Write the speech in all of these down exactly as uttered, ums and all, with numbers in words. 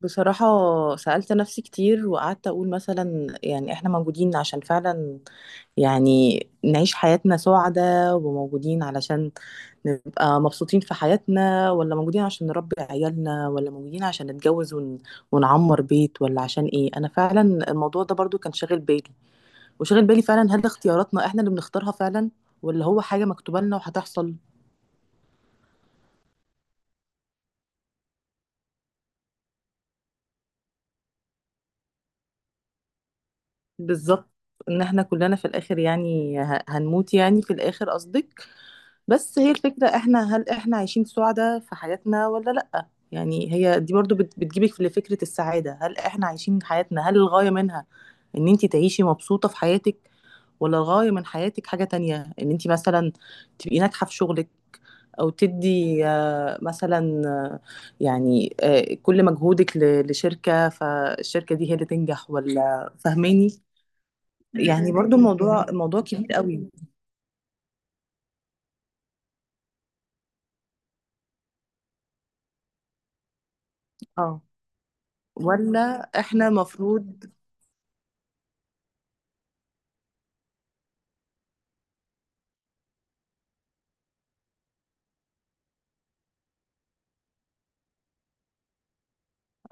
بصراحة سألت نفسي كتير وقعدت أقول مثلا يعني إحنا موجودين عشان فعلا يعني نعيش حياتنا سعدة، وموجودين علشان نبقى مبسوطين في حياتنا، ولا موجودين عشان نربي عيالنا، ولا موجودين عشان نتجوز ون... ونعمر بيت، ولا عشان إيه؟ أنا فعلا الموضوع ده برضو كان شاغل بالي، وشاغل بالي فعلا، هل اختياراتنا إحنا اللي بنختارها فعلا ولا هو حاجة مكتوبة لنا وهتحصل؟ بالظبط، ان احنا كلنا في الاخر يعني ه- هنموت، يعني في الاخر قصدك. بس هي الفكرة، احنا هل احنا عايشين سعداء في حياتنا ولا لأ؟ يعني هي دي برضو بت- بتجيبك لفكرة السعادة. هل احنا عايشين حياتنا، هل الغاية منها ان انت تعيشي مبسوطة في حياتك، ولا الغاية من حياتك حاجة تانية، ان انت مثلا تبقي ناجحة في شغلك، او تدي آه، مثلا آه، يعني آه، كل مجهودك ل- لشركة، فالشركة دي هي اللي تنجح، ولا فاهماني؟ يعني برضو الموضوع موضوع كبير قوي. اه، ولا احنا مفروض.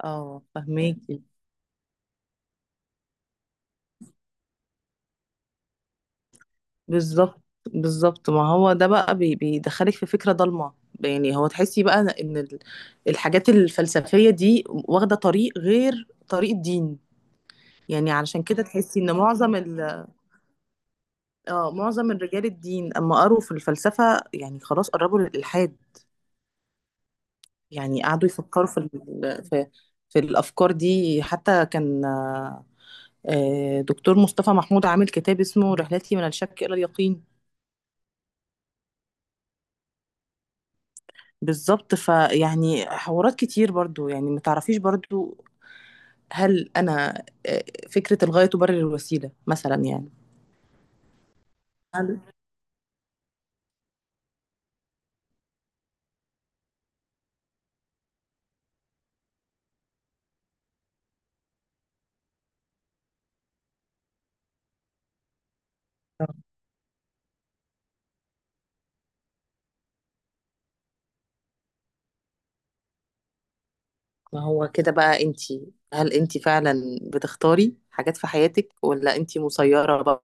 اه، فهميكي. بالظبط، بالظبط، ما هو ده بقى بي- بيدخلك في فكرة ضلمة. يعني هو تحسي بقى ان ال- الحاجات الفلسفية دي واخدة طريق غير طريق الدين. يعني علشان كده تحسي ان معظم ال، اه، معظم الرجال الدين اما قروا في الفلسفة يعني خلاص قربوا للإلحاد. يعني قعدوا يفكروا في ال- في في الأفكار دي. حتى كان آه، دكتور مصطفى محمود عامل كتاب اسمه رحلتي من الشك إلى اليقين. بالظبط، فيعني حوارات كتير برضو، يعني ما تعرفيش برضو هل أنا آه، فكرة الغاية تبرر الوسيلة مثلا يعني. هل، ما هو كده بقى، انتي هل انتي فعلا بتختاري حاجات في حياتك، ولا انتي مسيرة بقى،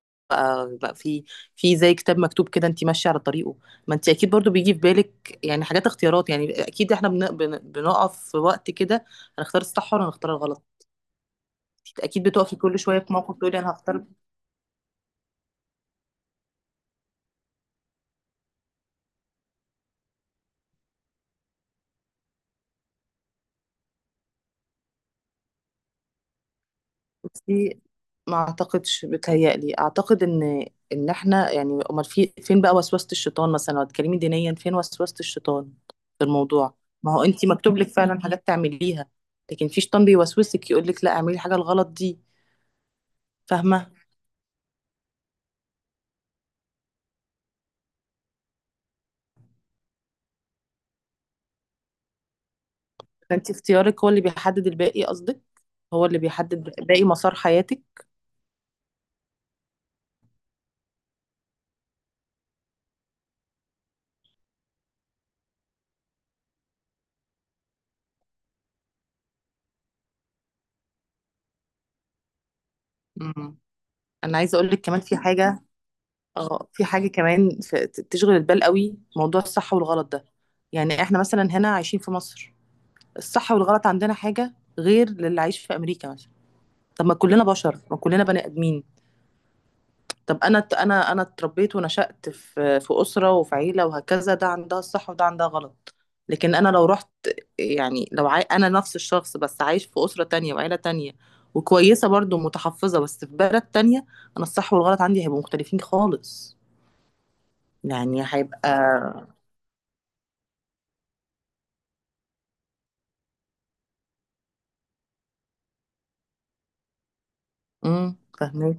بقى في في زي كتاب مكتوب كده انتي ماشية على طريقه؟ ما انتي اكيد برضو بيجي في بالك يعني حاجات اختيارات، يعني اكيد احنا بن- بن- بنقف في وقت كده هنختار الصح ولا هنختار الغلط. اكيد بتقفي كل شويه في موقف تقولي انا هختار. بصي، ما اعتقدش، بتهيألي اعتقد ان ان احنا يعني امال في فين بقى وسوسه الشيطان؟ مثلا لو هتكلمي دينيا، فين وسوسه الشيطان في الموضوع؟ ما هو انت مكتوب لك فعلا حاجات تعمليها، لكن في شيطان بيوسوسك يقول لك لا اعملي الحاجه الغلط دي. فاهمه. فانت اختيارك هو اللي بيحدد الباقي قصدك، هو اللي بيحدد باقي مسار حياتك. مم. انا عايزه اقول لك كمان في حاجه. اه، في حاجة كمان في- ت- تشغل البال قوي، موضوع الصح والغلط ده. يعني احنا مثلا هنا عايشين في مصر، الصح والغلط عندنا حاجة غير للي عايش في امريكا مثلا. طب ما كلنا بشر، ما كلنا بني ادمين. طب انا ت- انا انا اتربيت ونشأت في في اسرة وفي عيلة وهكذا، ده عندها الصح وده عندها غلط. لكن انا لو رحت، يعني لو عاي... انا نفس الشخص بس عايش في اسرة تانية وعيلة تانية، وكويسة برضو متحفظة، بس في بلد تانية، انا الصح والغلط عندي هيبقوا مختلفين خالص. يعني هيبقى، امم فهمك.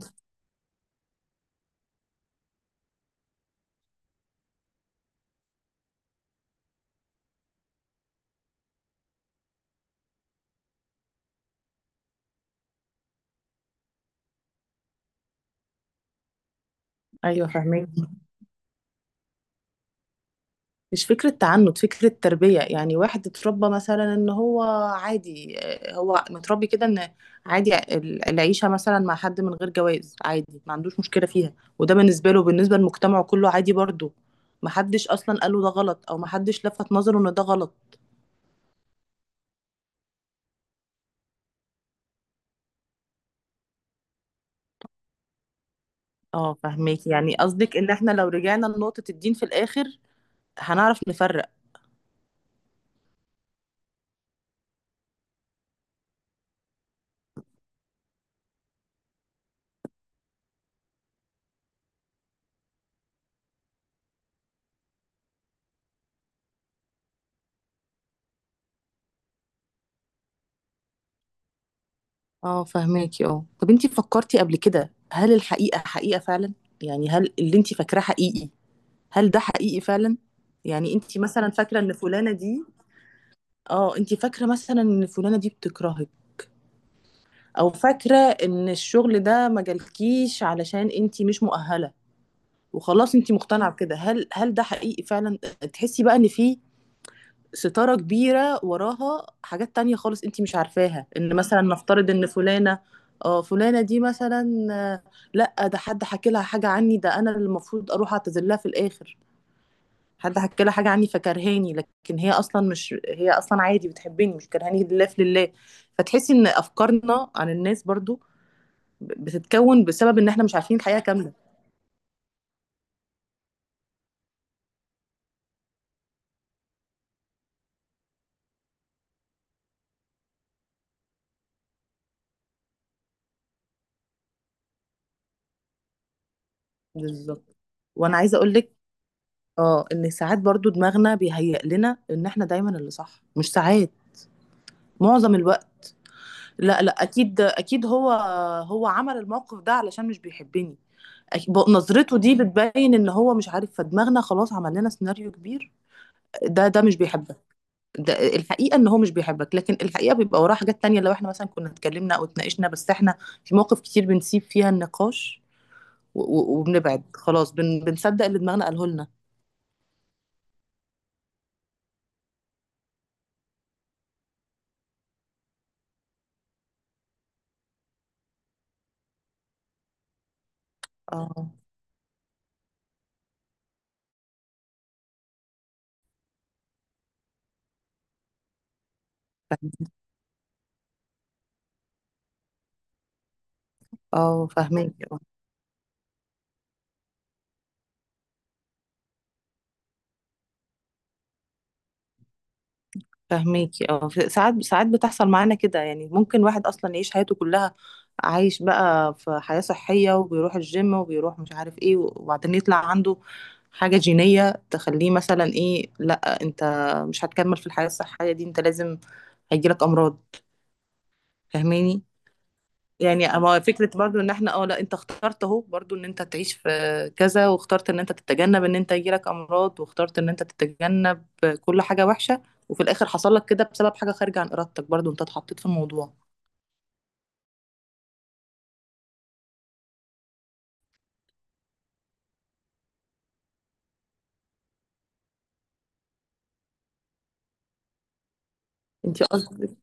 ايوه فهمك. مش فكره تعنت، فكره تربيه. يعني واحد اتربى مثلا ان هو عادي، آه، هو متربي كده ان عادي ال- العيشه مثلا مع حد من غير جواز عادي، ما عندوش مشكله فيها. وده بالنسبه له، بالنسبه لمجتمعه كله عادي برضه، ما حدش اصلا قال له ده غلط، او ما حدش لفت نظره ان ده غلط. اه، فهمك، يعني قصدك ان احنا لو رجعنا لنقطه الدين في الاخر هنعرف نفرق. اه فهماكي. اه، طب انتي فكرتي قبل كده هل الحقيقة حقيقة فعلا؟ يعني هل اللي انتي فاكراه حقيقي؟ هل ده حقيقي فعلا؟ يعني انتي مثلا فاكرة ان فلانة دي، اه انتي فاكرة مثلا ان فلانة دي بتكرهك، او فاكرة ان الشغل ده ما جالكيش علشان انتي مش مؤهلة، وخلاص انتي مقتنعة بكده، هل هل ده حقيقي فعلا؟ تحسي بقى ان في ستارة كبيرة وراها حاجات تانية خالص انتي مش عارفاها، ان مثلا نفترض ان فلانة، اه فلانة دي مثلا آه، لا ده حد حكى لها حاجة عني، ده انا اللي المفروض اروح اعتذر لها في الاخر. حد حكى لها حاجة عني فكرهاني، لكن هي اصلا مش، هي اصلا عادي بتحبني، مش كرهاني لله في لله. فتحسي ان افكارنا عن الناس برضو بتتكون بسبب ان احنا مش عارفين الحقيقة كاملة. بالظبط، وانا عايزة اقول لك، اه، ان ساعات برضو دماغنا بيهيئ لنا ان احنا دايما اللي صح. مش ساعات، معظم الوقت. لا لا، اكيد اكيد هو هو عمل الموقف ده علشان مش بيحبني. أك- ب- نظرته دي بتبين ان هو مش عارف، فدماغنا خلاص عمل لنا سيناريو كبير. ده ده مش بيحبك، ده الحقيقة ان هو مش بيحبك. لكن الحقيقة بيبقى وراها حاجات تانية، لو احنا مثلا كنا اتكلمنا او اتناقشنا، بس احنا في مواقف كتير بنسيب فيها النقاش و- و- وبنبعد خلاص، بن بنصدق اللي دماغنا قاله لنا. اه فاهم- اه فاهمك. فهميكي اه، ف- ساعات ساعات بتحصل معانا كده، يعني ممكن واحد اصلا يعيش حياته كلها عايش بقى في حياة صحية، وبيروح الجيم وبيروح مش عارف ايه، وبعدين يطلع عنده حاجة جينية تخليه مثلا، ايه لا انت مش هتكمل في الحياة الصحية دي، انت لازم هيجيلك امراض. فاهماني؟ يعني اما فكره برضو ان احنا، اه لا انت اخترت اهو برضو ان انت تعيش في كذا، واخترت ان انت تتجنب ان انت يجيلك امراض، واخترت ان انت تتجنب كل حاجه وحشه، وفي الاخر حصل لك كده بسبب حاجه خارجه عن ارادتك، برضو انت اتحطيت في الموضوع. انت قصدك،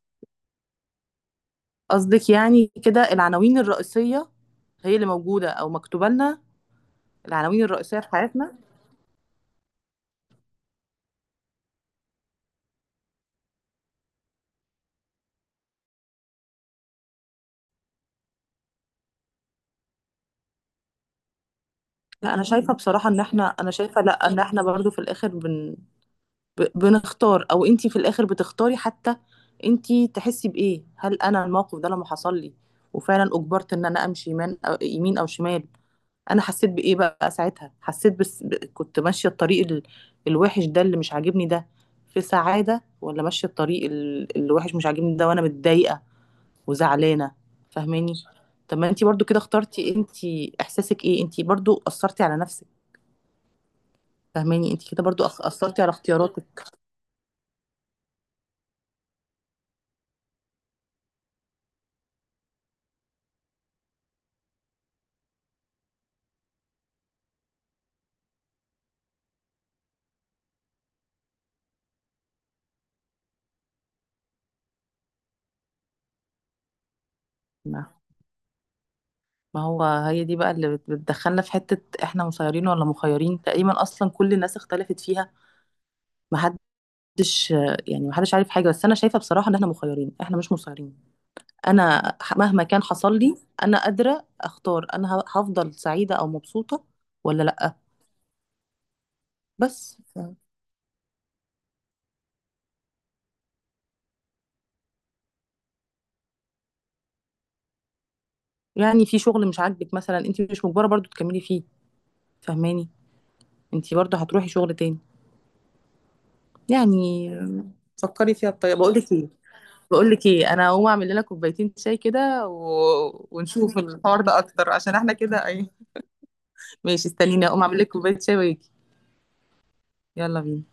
قصدك يعني كده العناوين الرئيسيه هي اللي موجوده او مكتوبه لنا، العناوين الرئيسيه في حياتنا. لا انا شايفه بصراحه ان احنا، انا شايفه لا ان احنا برضو في الاخر بن ب- بنختار، او انتي في الاخر بتختاري. حتى انتي تحسي بايه، هل انا الموقف ده لما حصل لي وفعلا اجبرت ان انا امشي يمين او يمين او شمال، انا حسيت بايه بقى ساعتها؟ حسيت بس ب- كنت ماشيه الطريق ال- الوحش ده اللي مش عاجبني ده في سعاده، ولا ماشيه الطريق ال- الوحش مش عاجبني ده وانا متضايقه وزعلانه؟ فاهماني؟ طب ما انتي برضو كده اخترتي، انتي احساسك ايه؟ انتي برضو اثرتي على نفسك. فاهماني؟ انتي كده برضو أخ- اثرتي على اختياراتك. نعم، ما هو هي دي بقى اللي بت- بتدخلنا في حتة احنا مسيرين ولا مخيرين. تقريبا اصلا كل الناس اختلفت فيها، محدش، يعني محدش عارف حاجة. بس انا شايفة بصراحة ان احنا مخيرين، احنا مش مسيرين. انا ح- مهما كان حصل لي، انا قادرة اختار انا ه- هفضل سعيدة او مبسوطة ولا لأ. بس ف- يعني في شغل مش عاجبك مثلا، انت مش مجبرة برضو تكملي فيه. فهماني؟ انت برضو هتروحي شغل تاني يعني. فكري فيها بطريقة. بقول لك ايه، بقول لك ايه، انا هقوم اعمل لنا كوبايتين شاي كده و... ونشوف الحوار ده اكتر، عشان احنا كده ايه. ماشي، استنيني اقوم اعمل لك كوبايه شاي واجي. يلا بينا.